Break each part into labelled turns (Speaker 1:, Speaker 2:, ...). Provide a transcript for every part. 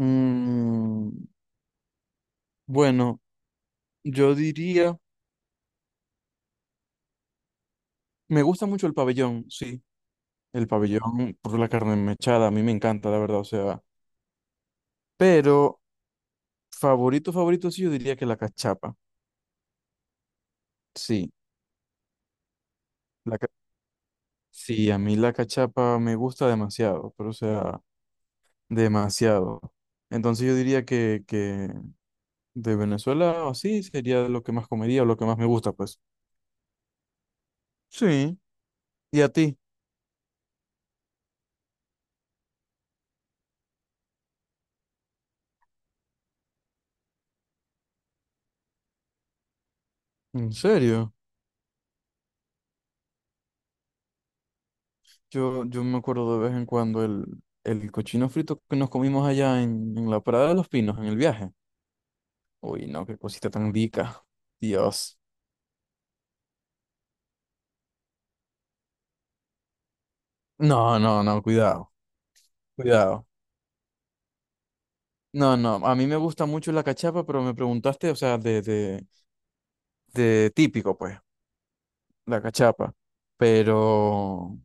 Speaker 1: Mm, bueno, yo diría, me gusta mucho el pabellón, sí, el pabellón por la carne mechada, a mí me encanta, la verdad, o sea, pero favorito, favorito, sí, yo diría que la cachapa, sí, la, ca- sí, a mí la cachapa me gusta demasiado, pero o sea, demasiado. Entonces yo diría que de Venezuela, así sería lo que más comería o lo que más me gusta, pues. Sí, ¿y a ti? ¿En serio? Yo me acuerdo de vez en cuando el cochino frito que nos comimos allá en la Parada de los Pinos, en el viaje. Uy, no, qué cosita tan rica. Dios. No, no, no, cuidado, cuidado. No, no, a mí me gusta mucho la cachapa, pero me preguntaste, o sea, de típico, pues, la cachapa. Pero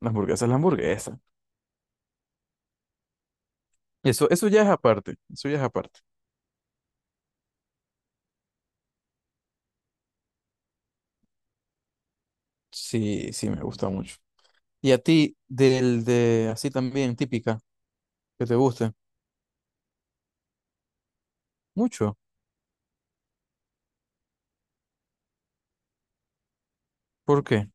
Speaker 1: la hamburguesa es la hamburguesa. Eso ya es aparte, eso ya es aparte. Sí, sí, me gusta mucho. ¿Y a ti, del de así también, típica, que te guste? Mucho. ¿Por qué?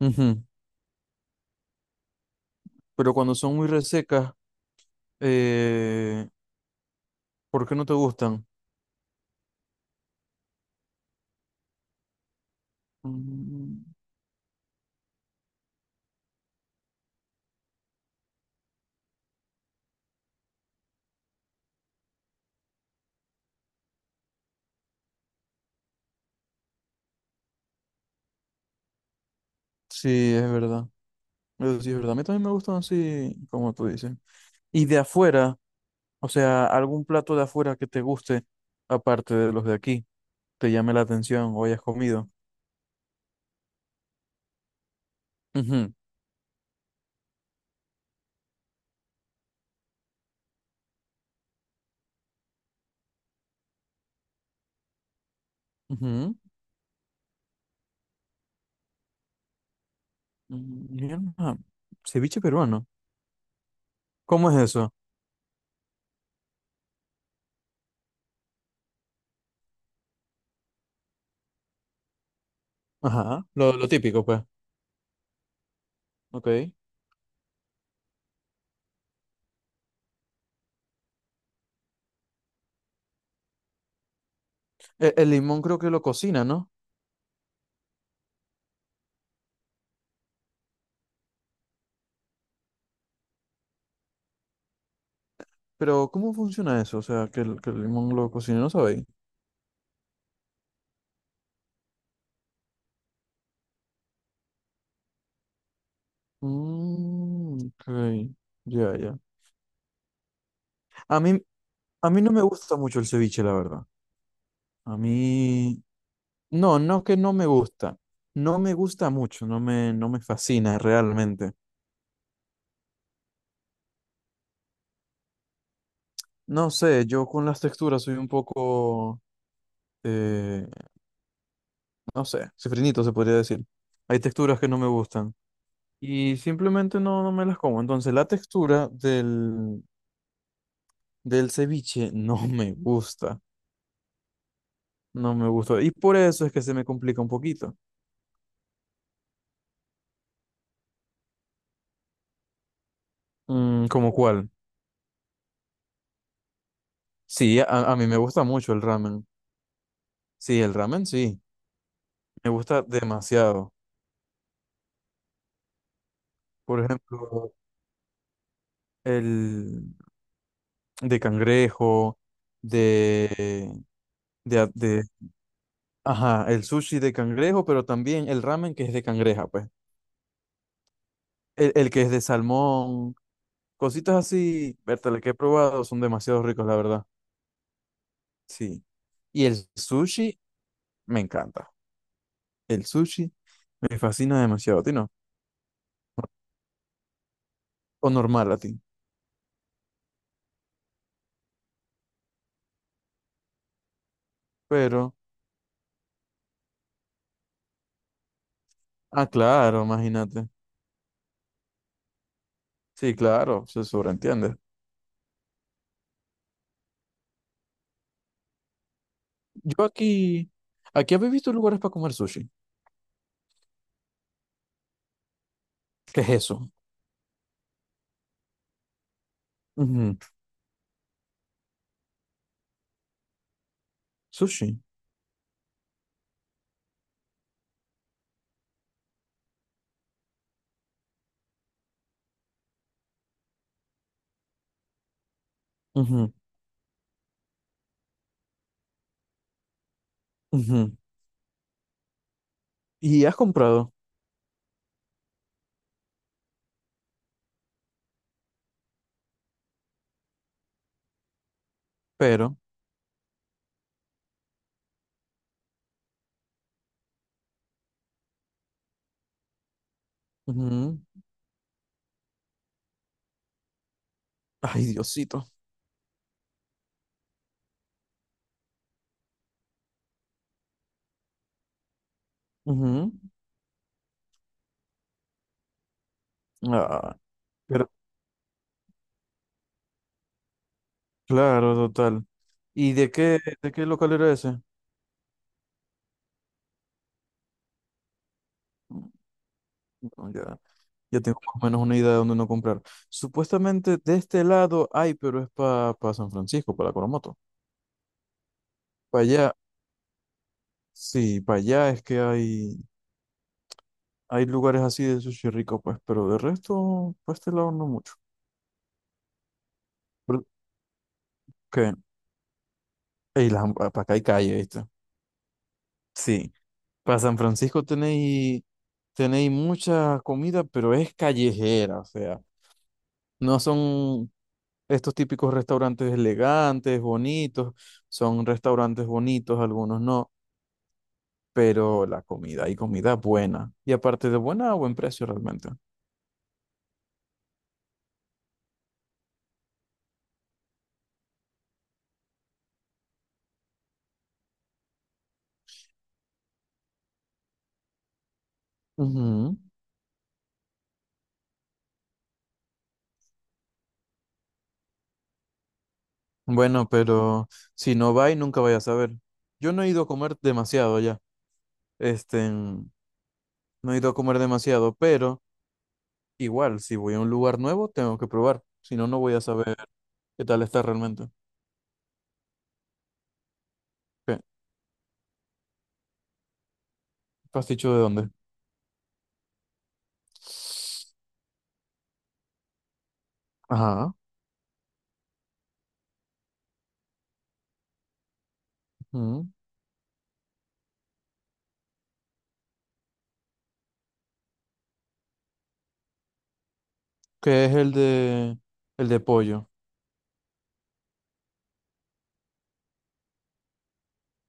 Speaker 1: Ujú, ujú. Pero cuando son muy resecas, eh, ¿por qué no te gustan? Mm, sí, es verdad. Eso sí es verdad. A mí también me gustan así, como tú dices. Y de afuera, o sea, algún plato de afuera que te guste, aparte de los de aquí, te llame la atención o hayas comido. Ujú, ujú. Mm, mierda. Ceviche peruano. ¿Cómo es eso? Ajá, lo típico, pues. Ok. E- el, limón creo que lo cocina. Pero, ¿cómo funciona eso? O sea, que el limón lo cocine, ¿no sabéis? Mm, ok, ya, ya. A mí, a mí no me gusta mucho el ceviche, la verdad. A mí, no, no que no me gusta. No me gusta mucho, no me fascina realmente. No sé, yo con las texturas soy un poco, eh, no sé, sifrinito se podría decir. Hay texturas que no me gustan y simplemente no, no me las como. Entonces, del ceviche no me gusta. No me gustó. Y por eso es que se me complica un poquito. Mm, ¿cómo cuál? Sí, a mí me gusta mucho el ramen. Sí, el ramen sí. Me gusta demasiado. Por ejemplo, el de cangrejo, de, de, a- de- ajá, el sushi de cangrejo, pero también el ramen que es de cangreja, pues. El que es de salmón, cositas así, vértale, que he probado, son demasiado ricos, la verdad. Sí. Y el sushi me encanta. El sushi me fascina demasiado, ¿a ti no? O normal latín. Pero, ah, claro, imagínate. Sí, claro, se sobreentiende. Yo aquí, aquí habéis visto lugares para comer sushi. ¿Qué es eso? Ujú, sushi. Ujú, ujú. Y has comprado, pero, ujú, ay, Diosito. Ujú. Ah, pero, claro, total. ¿Y de qué local era ese? Mm, no, ya, ya tengo más o menos una idea de dónde no comprar. Supuestamente de este lado hay, pero es para San Francisco, para Coromoto. Para allá. Sí, para allá es que hay lugares así de sushi rico, pues, pero de resto, para este lado no mucho. Pero, ¿qué? Ey, las ham- para acá hay calle, ¿viste? Sí, para San Francisco tenéis, tenéis mucha comida, pero es callejera, o sea, no son estos típicos restaurantes elegantes, bonitos, son restaurantes bonitos, algunos no, pero la comida, hay comida buena, y aparte de buena, a buen precio realmente. Ujú. Bueno, pero si no va y nunca vaya a saber. Yo no he ido a comer demasiado ya. Este, no he ido a comer demasiado, pero igual, si voy a un lugar nuevo, tengo que probar. Si no, no voy a saber qué tal está realmente. ¿Qué? ¿Pasticho de dónde? Ajá, ujú, que es el de pollo.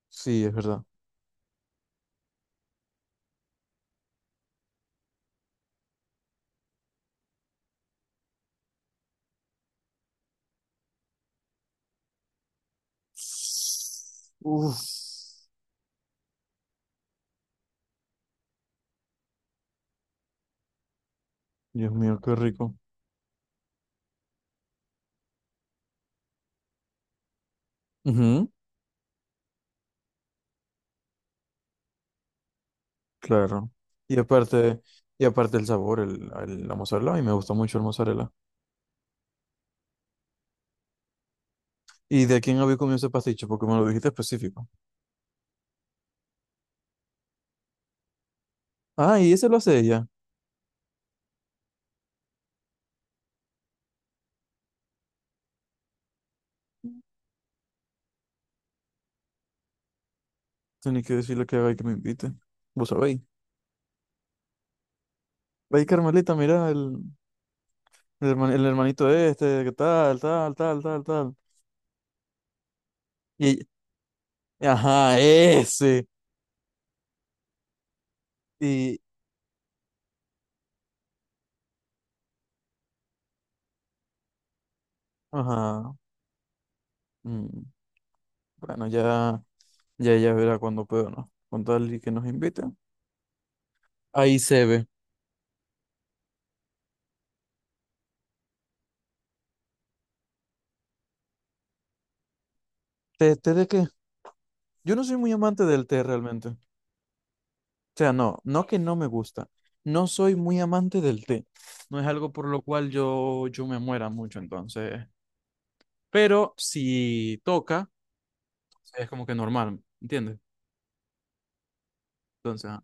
Speaker 1: Sí, es verdad. Uf, Dios mío, qué rico. Ujú, claro. Y aparte, y aparte el sabor, la mozzarella, y me gusta mucho el mozzarella. ¿Y de quién había comido ese pasticho? Porque me lo dijiste específico. Ah, y ese lo hace ella. Tenía que decirle que haga y que me invite. Vos sabéis. Ay, Carmelita, mira el hermanito este, que tal, tal, tal, tal, tal. Y, ajá, ese. Y, ajá, mm, bueno, ya, ya ella verá cuando pueda, ¿no? Con tal y que nos invite. Ahí se ve. ¿Té, té de qué? Yo no soy muy amante del té realmente. O sea, no, no que no me gusta. No soy muy amante del té. No es algo por lo cual yo me muera mucho, entonces. Pero si toca, es como que normal, ¿entiendes? Entonces, ajá,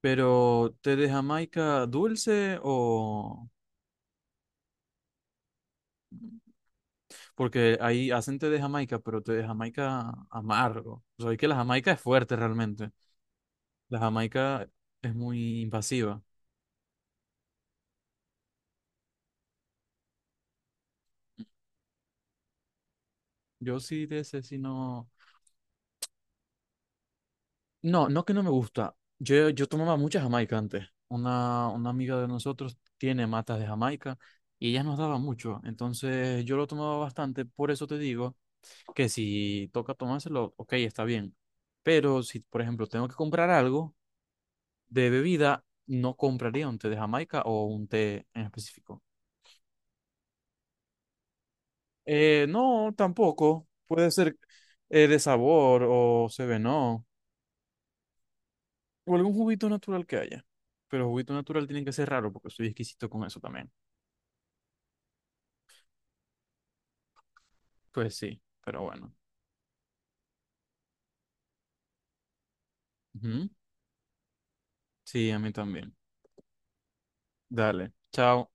Speaker 1: pero té de Jamaica dulce o... Porque ahí hacen té de Jamaica, pero té de Jamaica amargo. O sea, es que la Jamaica es fuerte realmente. La Jamaica es muy invasiva. Yo sí de ese, sí no, no, no que no me gusta. Yo tomaba mucha Jamaica antes. Una amiga de nosotros tiene matas de Jamaica y ella nos daba mucho. Entonces yo lo tomaba bastante. Por eso te digo que si toca tomárselo, ok, está bien. Pero si, por ejemplo, tengo que comprar algo de bebida, no compraría un té de Jamaica o un té en específico. No, tampoco. Puede ser de sabor o se ve, no. O algún juguito natural que haya. Pero juguito natural tiene que ser raro porque soy exquisito con eso también. Pues sí, pero bueno. Ujú. Sí, a mí también. Dale, chao.